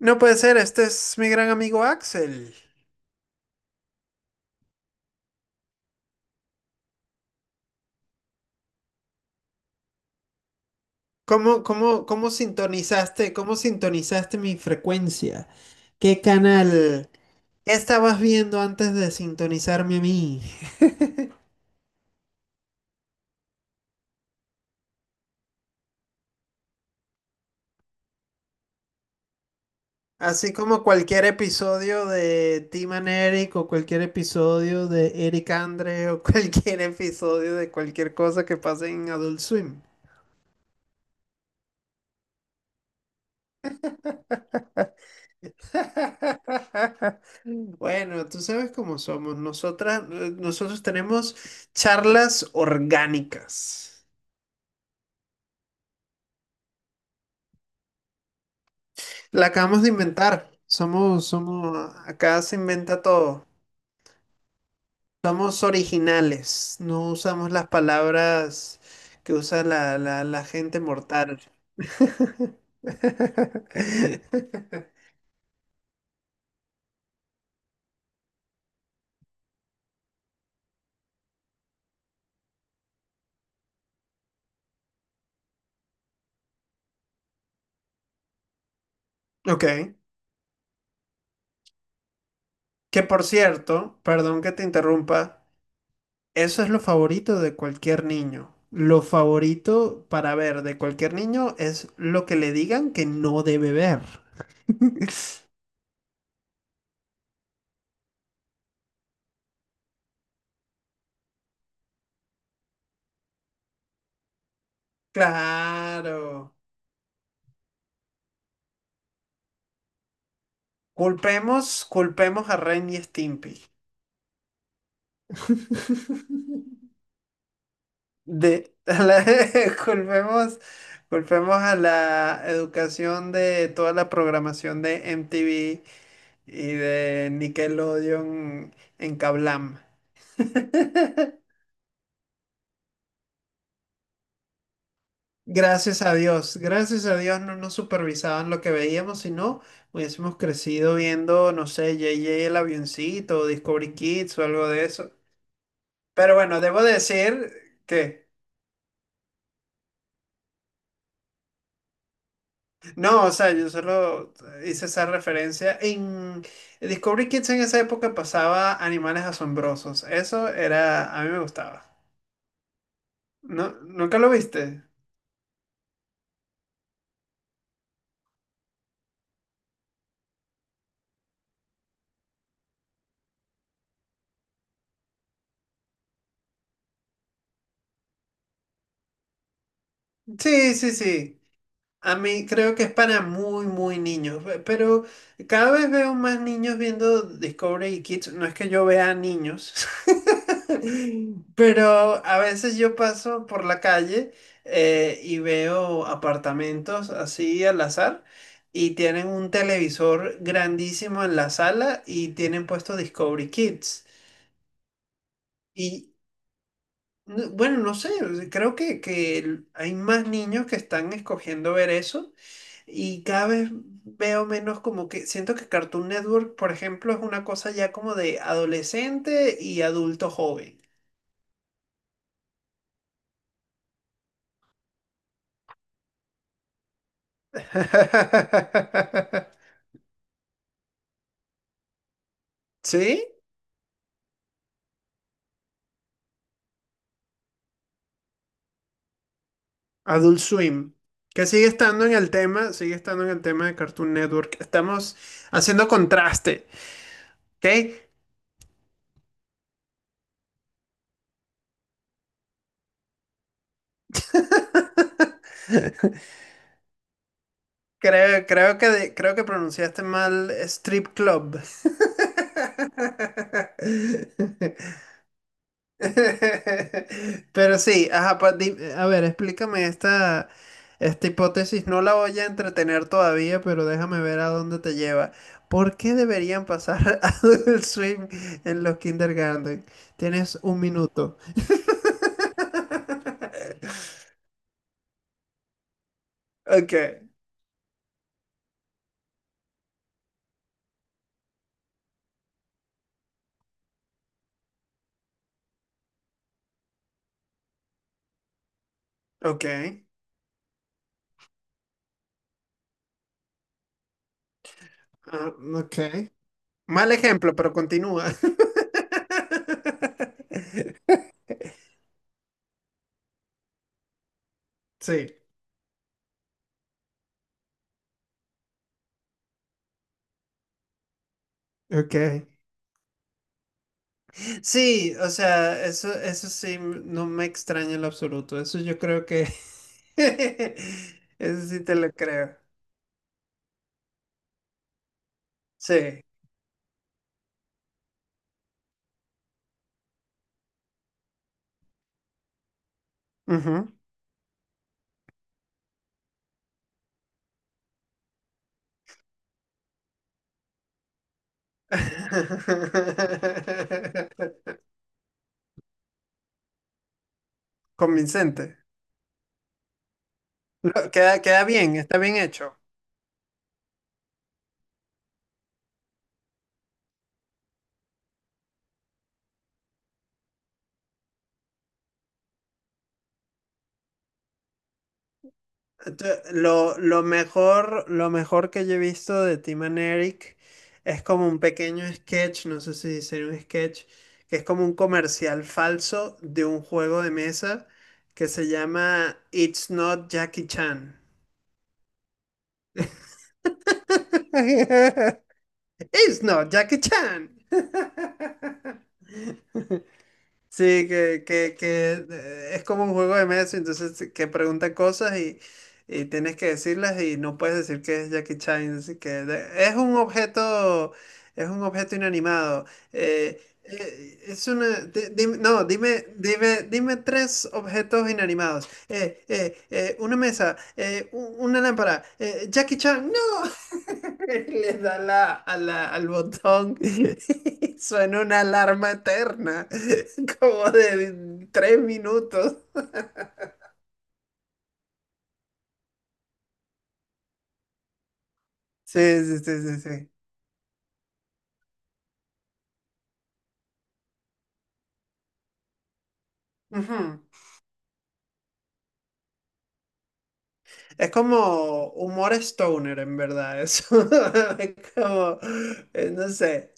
No puede ser, este es mi gran amigo Axel. ¿Cómo sintonizaste, cómo sintonizaste mi frecuencia? ¿Qué canal estabas viendo antes de sintonizarme a mí? Así como cualquier episodio de Tim and Eric o cualquier episodio de Eric Andre o cualquier episodio de cualquier cosa que pase en Adult Swim. Bueno, tú sabes cómo somos. Nosotras, nosotros tenemos charlas orgánicas. La acabamos de inventar. Somos, acá se inventa todo. Somos originales. No usamos las palabras que usa la gente mortal. Ok. Que por cierto, perdón que te interrumpa. Eso es lo favorito de cualquier niño. Lo favorito para ver de cualquier niño es lo que le digan que no debe ver. Claro. Culpemos a Ren y Stimpy. De, a la- culpemos, culpemos a la educación de toda la programación de MTV y de Nickelodeon en Kablam. Gracias a Dios no nos supervisaban lo que veíamos, sino hubiésemos crecido viendo, no sé, JJ el avioncito, o Discovery Kids o algo de eso. Pero bueno, debo decir que no, o sea, yo solo hice esa referencia. En Discovery Kids en esa época pasaba animales asombrosos. Eso era, a mí me gustaba. ¿No? ¿Nunca lo viste? Sí, sí, sí. A mí creo que es para muy, muy niños, pero cada vez veo más niños viendo Discovery Kids. No es que yo vea niños, pero a veces yo paso por la calle y veo apartamentos así al azar y tienen un televisor grandísimo en la sala y tienen puesto Discovery Kids. Y bueno, no sé, creo que hay más niños que están escogiendo ver eso y cada vez veo menos como que siento que Cartoon Network, por ejemplo, es una cosa ya como de adolescente y adulto joven. ¿Sí? Adult Swim. Que sigue estando en el tema, sigue estando en el tema de Cartoon Network. Estamos haciendo contraste, ¿ok? Creo que pronunciaste mal Strip Club. Pero sí, ajá, a ver, explícame esta, esta hipótesis. No la voy a entretener todavía, pero déjame ver a dónde te lleva. ¿Por qué deberían pasar a Adult Swim en los kindergarten? Tienes un minuto. Ok, ok, ah, ok. Mal ejemplo, pero continúa. Sí, ok. Sí, o sea, eso sí, no me extraña en lo absoluto. Eso yo creo que... Eso sí te lo creo. Sí. Ujú. Convincente. Queda bien, está bien hecho. Lo mejor, lo mejor que yo he visto de Tim and Eric es como un pequeño sketch, no sé si sería un sketch, que es como un comercial falso de un juego de mesa que se llama It's Not Jackie Chan. It's Not Jackie Chan. Sí, que es como un juego de mesa, entonces que pregunta cosas y tienes que decirlas y no puedes decir que es Jackie Chan, así que es un objeto inanimado. Es una, no, dime tres objetos inanimados. Una mesa, una lámpara, Jackie Chan, no. Le da al botón y suena una alarma eterna, como de 3 minutos. Sí, sí, sí, sí, sí. Ujú. Es como humor stoner, en verdad, eso. Es como, no sé,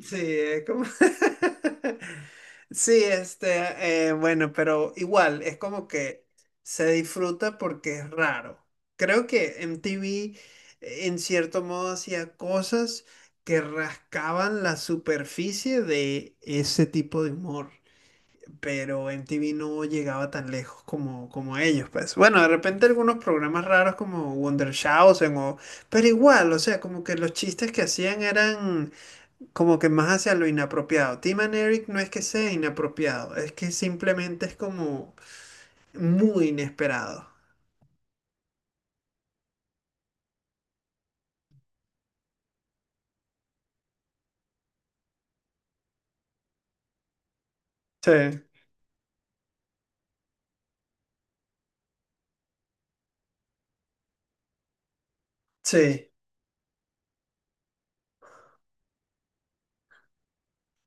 sí, Sí, bueno, pero igual, es como que se disfruta porque es raro. Creo que MTV en cierto modo hacía cosas que rascaban la superficie de ese tipo de humor, pero MTV no llegaba tan lejos como, como ellos, pues. Bueno, de repente algunos programas raros como Wondershowsen o... Pero igual, o sea, como que los chistes que hacían eran como que más hacia lo inapropiado. Tim and Eric no es que sea inapropiado, es que simplemente es como muy inesperado. Sí. Sí,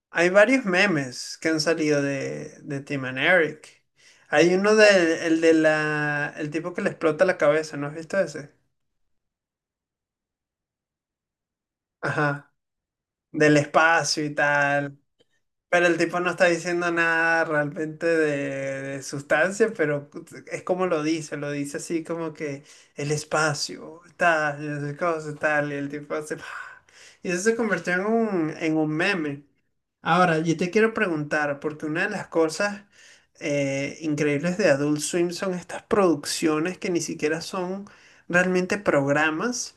hay varios memes que han salido de Tim and Eric. Hay uno de, el de la, el tipo que le explota la cabeza, ¿no has visto ese? Ajá. Del espacio y tal. Pero el tipo no está diciendo nada realmente de sustancia, pero es como lo dice así como que el espacio, tal, y esas cosas, tal, y el tipo hace... Y eso se convirtió en un meme. Ahora, yo te quiero preguntar, porque una de las cosas increíbles de Adult Swim son estas producciones que ni siquiera son realmente programas,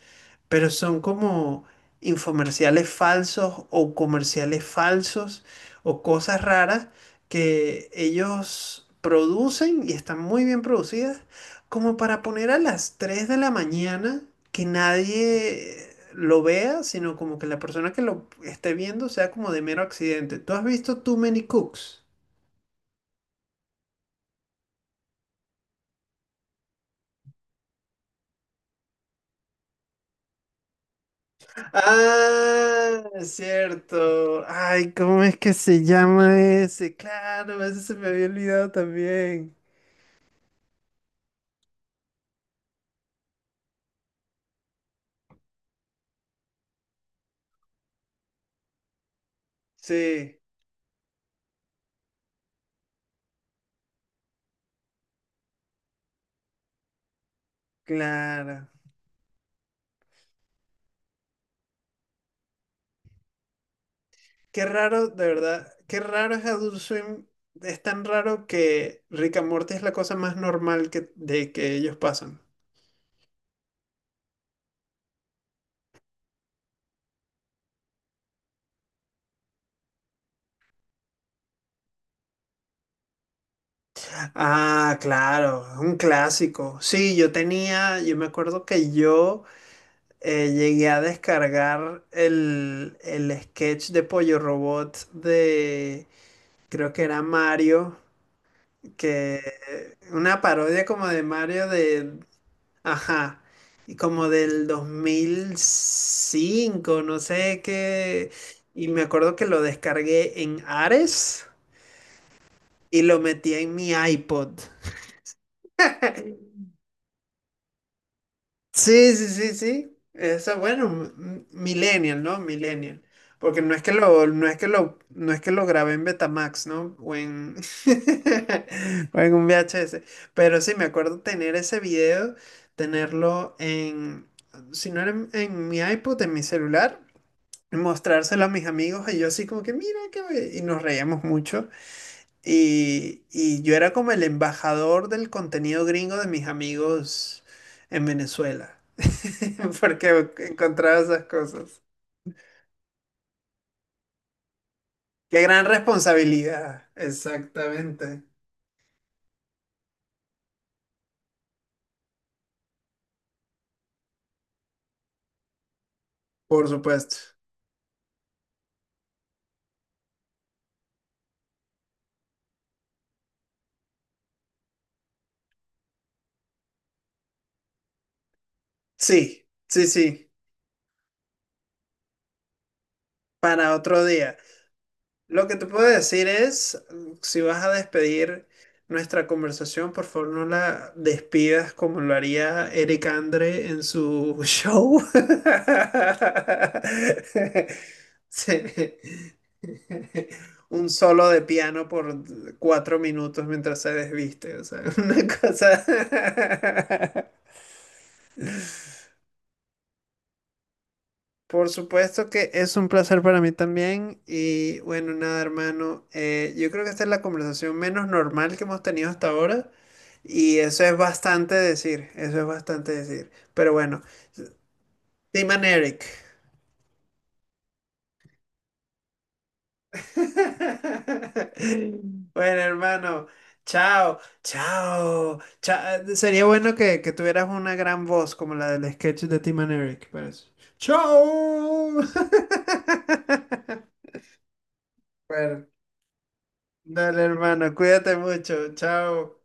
pero son como infomerciales falsos o comerciales falsos o cosas raras que ellos producen y están muy bien producidas como para poner a las 3 de la mañana que nadie lo vea, sino como que la persona que lo esté viendo sea como de mero accidente. ¿Tú has visto Too Many Cooks? Ah, es cierto. Ay, ¿cómo es que se llama ese? Claro, ese se me había olvidado también. Sí, claro. Qué raro, de verdad. Qué raro es Adult Swim. Es tan raro que Rick and Morty es la cosa más normal que, de que ellos pasan. Ah, claro, un clásico. Sí, yo tenía, yo me acuerdo que yo llegué a descargar el sketch de Pollo Robot de, creo que era Mario, que una parodia como de Mario de, ajá, y como del 2005, no sé qué, y me acuerdo que lo descargué en Ares y lo metí en mi iPod. Sí, sí, sí, sí. Eso, bueno, millennial, ¿no? Millennial. Porque no es que lo grabé en Betamax, ¿no? O en, o en un VHS. Pero sí, me acuerdo tener ese video, tenerlo en, si no era en mi iPod, en mi celular, y mostrárselo a mis amigos y yo así como que, mira, qué be-". Y nos reíamos mucho. Y yo era como el embajador del contenido gringo de mis amigos en Venezuela. Porque encontraba esas cosas. Qué gran responsabilidad. Exactamente. Por supuesto. Sí, sí, sí. Para otro día. Lo que te puedo decir es, si vas a despedir nuestra conversación, por favor no la despidas como lo haría Eric Andre en su show. Sí. Un solo de piano por 4 minutos mientras se desviste, o sea, una cosa. Por supuesto que es un placer para mí también y bueno, nada hermano, yo creo que esta es la conversación menos normal que hemos tenido hasta ahora y eso es bastante decir, eso es bastante decir. Pero bueno, Team and Eric. Bueno hermano, sería bueno que tuvieras una gran voz como la del sketch de Team and Eric, pero eso. Chao. Bueno. Dale, hermano, cuídate mucho. Chao.